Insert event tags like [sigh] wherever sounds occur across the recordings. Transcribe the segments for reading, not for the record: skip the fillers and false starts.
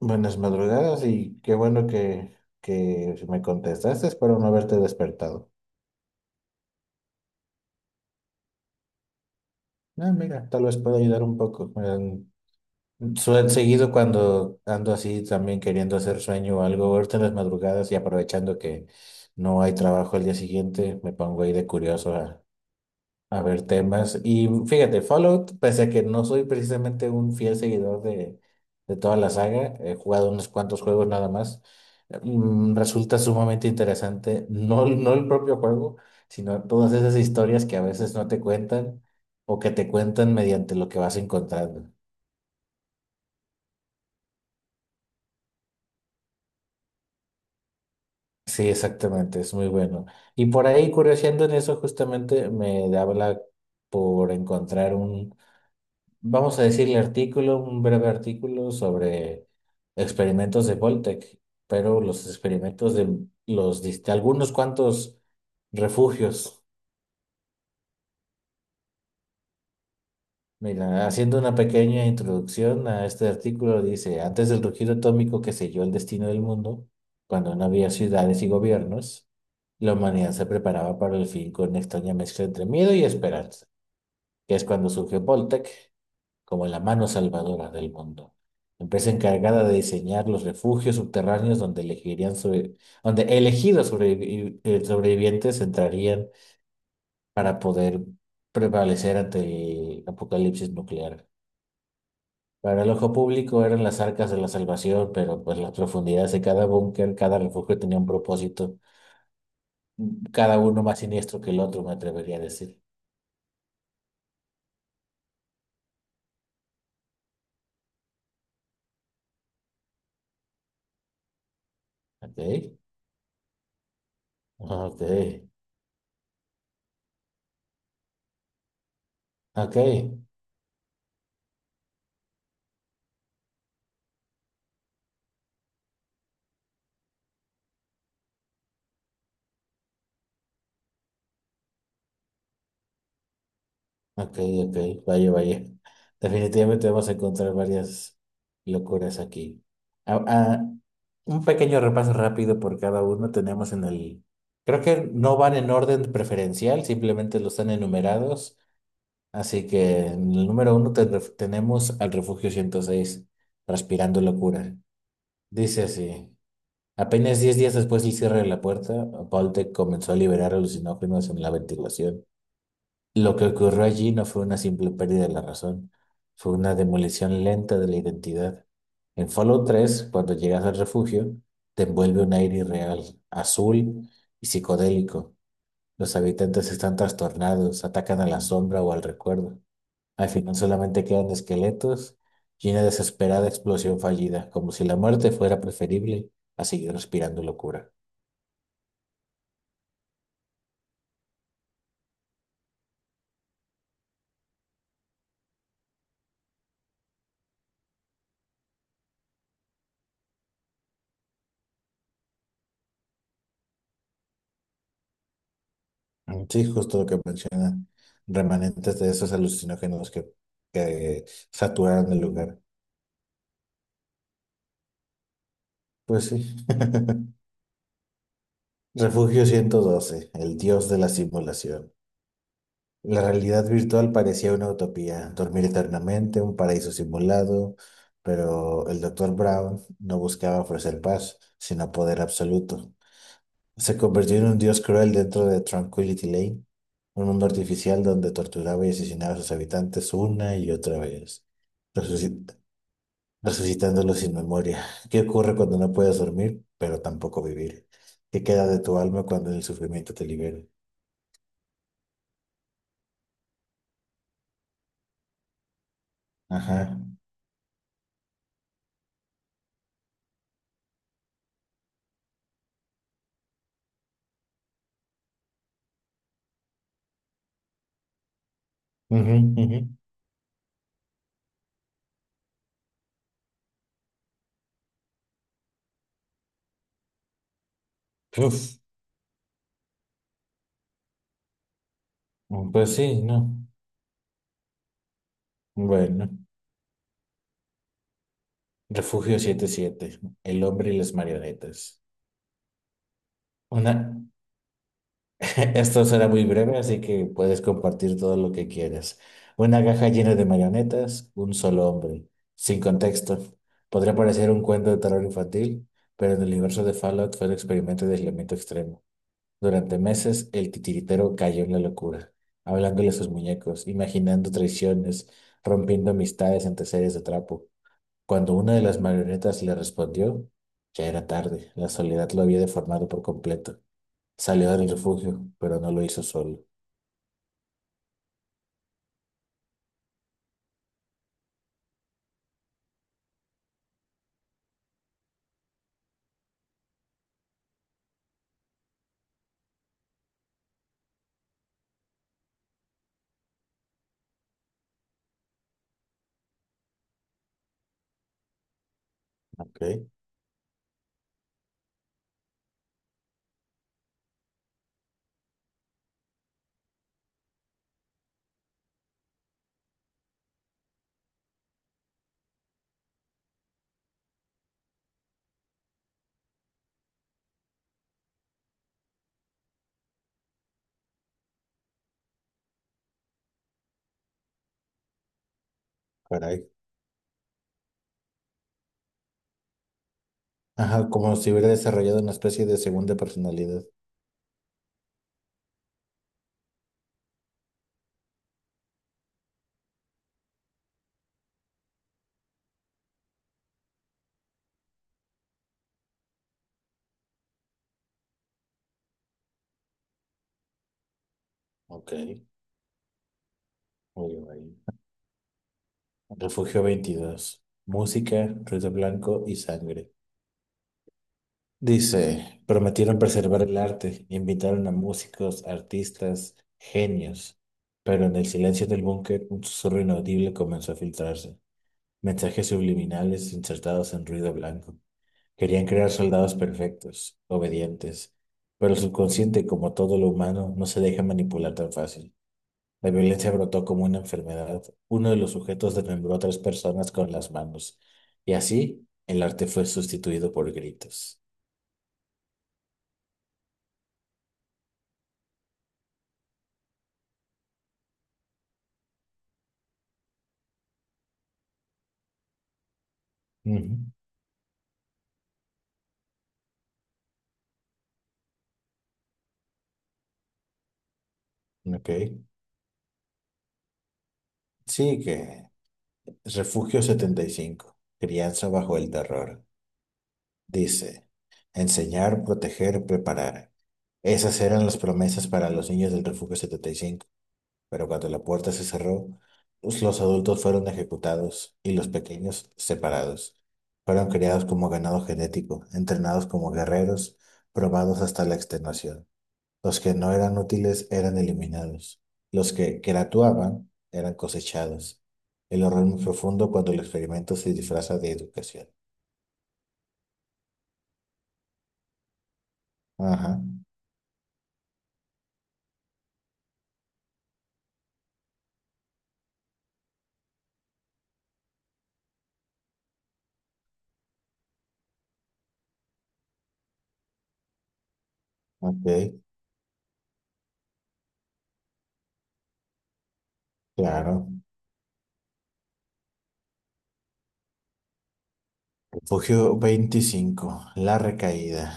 Buenas madrugadas y qué bueno que, me contestaste. Espero no haberte despertado. Ah, mira, tal vez pueda ayudar un poco. Seguido cuando ando así también queriendo hacer sueño o algo, ahorita en las madrugadas y aprovechando que no hay trabajo el día siguiente, me pongo ahí de curioso. A ver, temas. Y fíjate, Fallout, pese a que no soy precisamente un fiel seguidor de toda la saga, he jugado unos cuantos juegos nada más, resulta sumamente interesante, no, no el propio juego, sino todas esas historias que a veces no te cuentan o que te cuentan mediante lo que vas encontrando. Sí, exactamente, es muy bueno. Y por ahí, curioseando en eso, justamente me habla por encontrar un... Vamos a decirle artículo, un breve artículo sobre experimentos de Voltec, pero los experimentos de de algunos cuantos refugios. Mira, haciendo una pequeña introducción a este artículo, dice, antes del rugido atómico que selló el destino del mundo, cuando no había ciudades y gobiernos, la humanidad se preparaba para el fin con una extraña mezcla entre miedo y esperanza, que es cuando surgió Voltec, como la mano salvadora del mundo, empresa encargada de diseñar los refugios subterráneos donde elegidos sobrevivientes entrarían para poder prevalecer ante el apocalipsis nuclear. Para el ojo público eran las arcas de la salvación, pero pues las profundidades de cada búnker, cada refugio tenía un propósito, cada uno más siniestro que el otro, me atrevería a decir. Ok, ok, ok. Ok, ok, vaya, vaya. Definitivamente vamos a encontrar varias locuras aquí. Ah, ah, un pequeño repaso rápido por cada uno tenemos en el... Creo que no van en orden preferencial, simplemente los están enumerados. Así que en el número uno tenemos al Refugio 106, Transpirando Locura. Dice así. Apenas 10 días después del cierre de la puerta, Boltec comenzó a liberar alucinógenos en la ventilación. Lo que ocurrió allí no fue una simple pérdida de la razón, fue una demolición lenta de la identidad. En Fallout 3, cuando llegas al refugio, te envuelve un aire irreal, azul y psicodélico. Los habitantes están trastornados, atacan a la sombra o al recuerdo. Al final solamente quedan esqueletos y una desesperada explosión fallida, como si la muerte fuera preferible a seguir respirando locura. Mm, sí, justo lo que menciona, remanentes de esos alucinógenos que saturaron el lugar. Pues sí. [laughs] Refugio 112, el dios de la simulación. La realidad virtual parecía una utopía, dormir eternamente, un paraíso simulado, pero el doctor Brown no buscaba ofrecer paz, sino poder absoluto. Se convirtió en un dios cruel dentro de Tranquility Lane, un mundo artificial donde torturaba y asesinaba a sus habitantes una y otra vez, resuci- resucitándolos sin memoria. [laughs] ¿Qué ocurre cuando no puedes dormir, pero tampoco vivir? ¿Qué queda de tu alma cuando el sufrimiento te libera? Ajá. Ujú, ujú. Uf. Pues sí, ¿no? Bueno. Refugio 77, el hombre y las marionetas. Una. [laughs] Esto será muy breve, así que puedes compartir todo lo que quieras. Una caja llena de marionetas, un solo hombre, sin contexto. Podría parecer un cuento de terror infantil, pero en el universo de Fallout fue un experimento de aislamiento extremo. Durante meses, el titiritero cayó en la locura, hablándole a sus muñecos, imaginando traiciones, rompiendo amistades ante series de trapo. Cuando una de las marionetas le respondió, ya era tarde, la soledad lo había deformado por completo. Salió del refugio, pero no lo hizo solo. Ok, caray. Ajá, como si hubiera desarrollado una especie de segunda personalidad. Ok, muy bien. Refugio 22, música, ruido blanco y sangre. Dice, prometieron preservar el arte, invitaron a músicos, artistas, genios, pero en el silencio del búnker un susurro inaudible comenzó a filtrarse. Mensajes subliminales insertados en ruido blanco. Querían crear soldados perfectos, obedientes, pero el subconsciente, como todo lo humano, no se deja manipular tan fácil. La violencia brotó como una enfermedad. Uno de los sujetos desmembró a tres personas con las manos, y así el arte fue sustituido por gritos. Ujú, ok. Sí, que Refugio 75, crianza bajo el terror. Dice, enseñar, proteger, preparar. Esas eran las promesas para los niños del Refugio 75, pero cuando la puerta se cerró, pues, los adultos fueron ejecutados y los pequeños separados. Fueron criados como ganado genético, entrenados como guerreros, probados hasta la extenuación. Los que no eran útiles eran eliminados. Los que gratuaban eran cosechados. El horror muy profundo cuando el experimento se disfraza de educación. Ajá, ok, claro. Refugio 25, la recaída.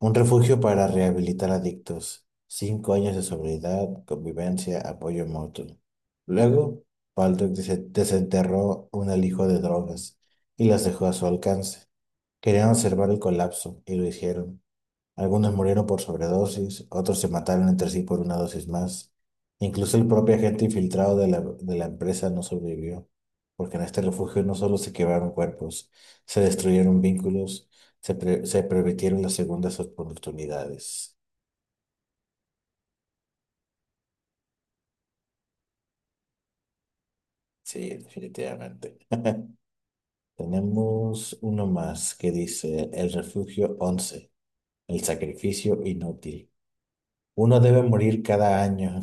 Un refugio para rehabilitar adictos. 5 años de sobriedad, convivencia, apoyo mutuo. Luego, Baldock desenterró un alijo de drogas y las dejó a su alcance. Querían observar el colapso y lo hicieron. Algunos murieron por sobredosis, otros se mataron entre sí por una dosis más. Incluso el propio agente infiltrado de la empresa no sobrevivió, porque en este refugio no solo se quebraron cuerpos, se destruyeron vínculos, se permitieron las segundas oportunidades. Sí, definitivamente. [laughs] Tenemos uno más que dice el refugio 11, el sacrificio inútil. Uno debe morir cada año.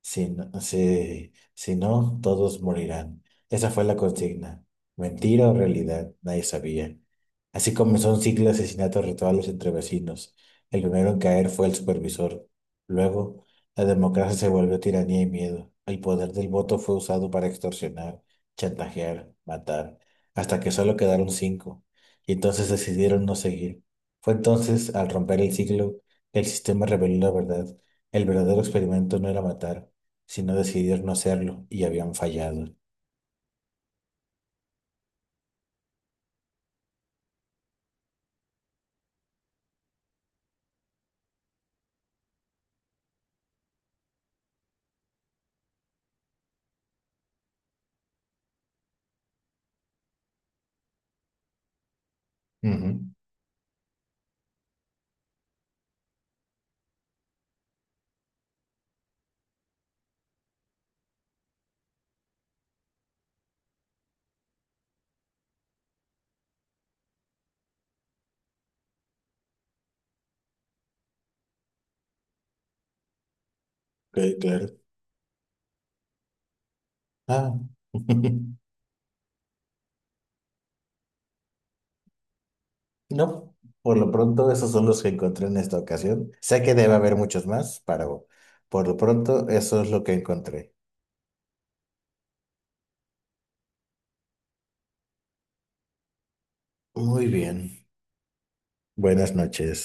Si no, si no, todos morirán. Esa fue la consigna. Mentira o realidad, nadie sabía. Así comenzó un ciclo de asesinatos rituales entre vecinos. El primero en caer fue el supervisor. Luego, la democracia se volvió tiranía y miedo. El poder del voto fue usado para extorsionar, chantajear, matar, hasta que solo quedaron cinco. Y entonces decidieron no seguir. Fue entonces, al romper el ciclo, que el sistema reveló la verdad. El verdadero experimento no era matar, sino decidieron no hacerlo y habían fallado. Ujú, ok, claro. Ah. [laughs] No, por lo pronto esos son los que encontré en esta ocasión. Sé que debe haber muchos más, pero por lo pronto eso es lo que encontré. Muy bien. Buenas noches.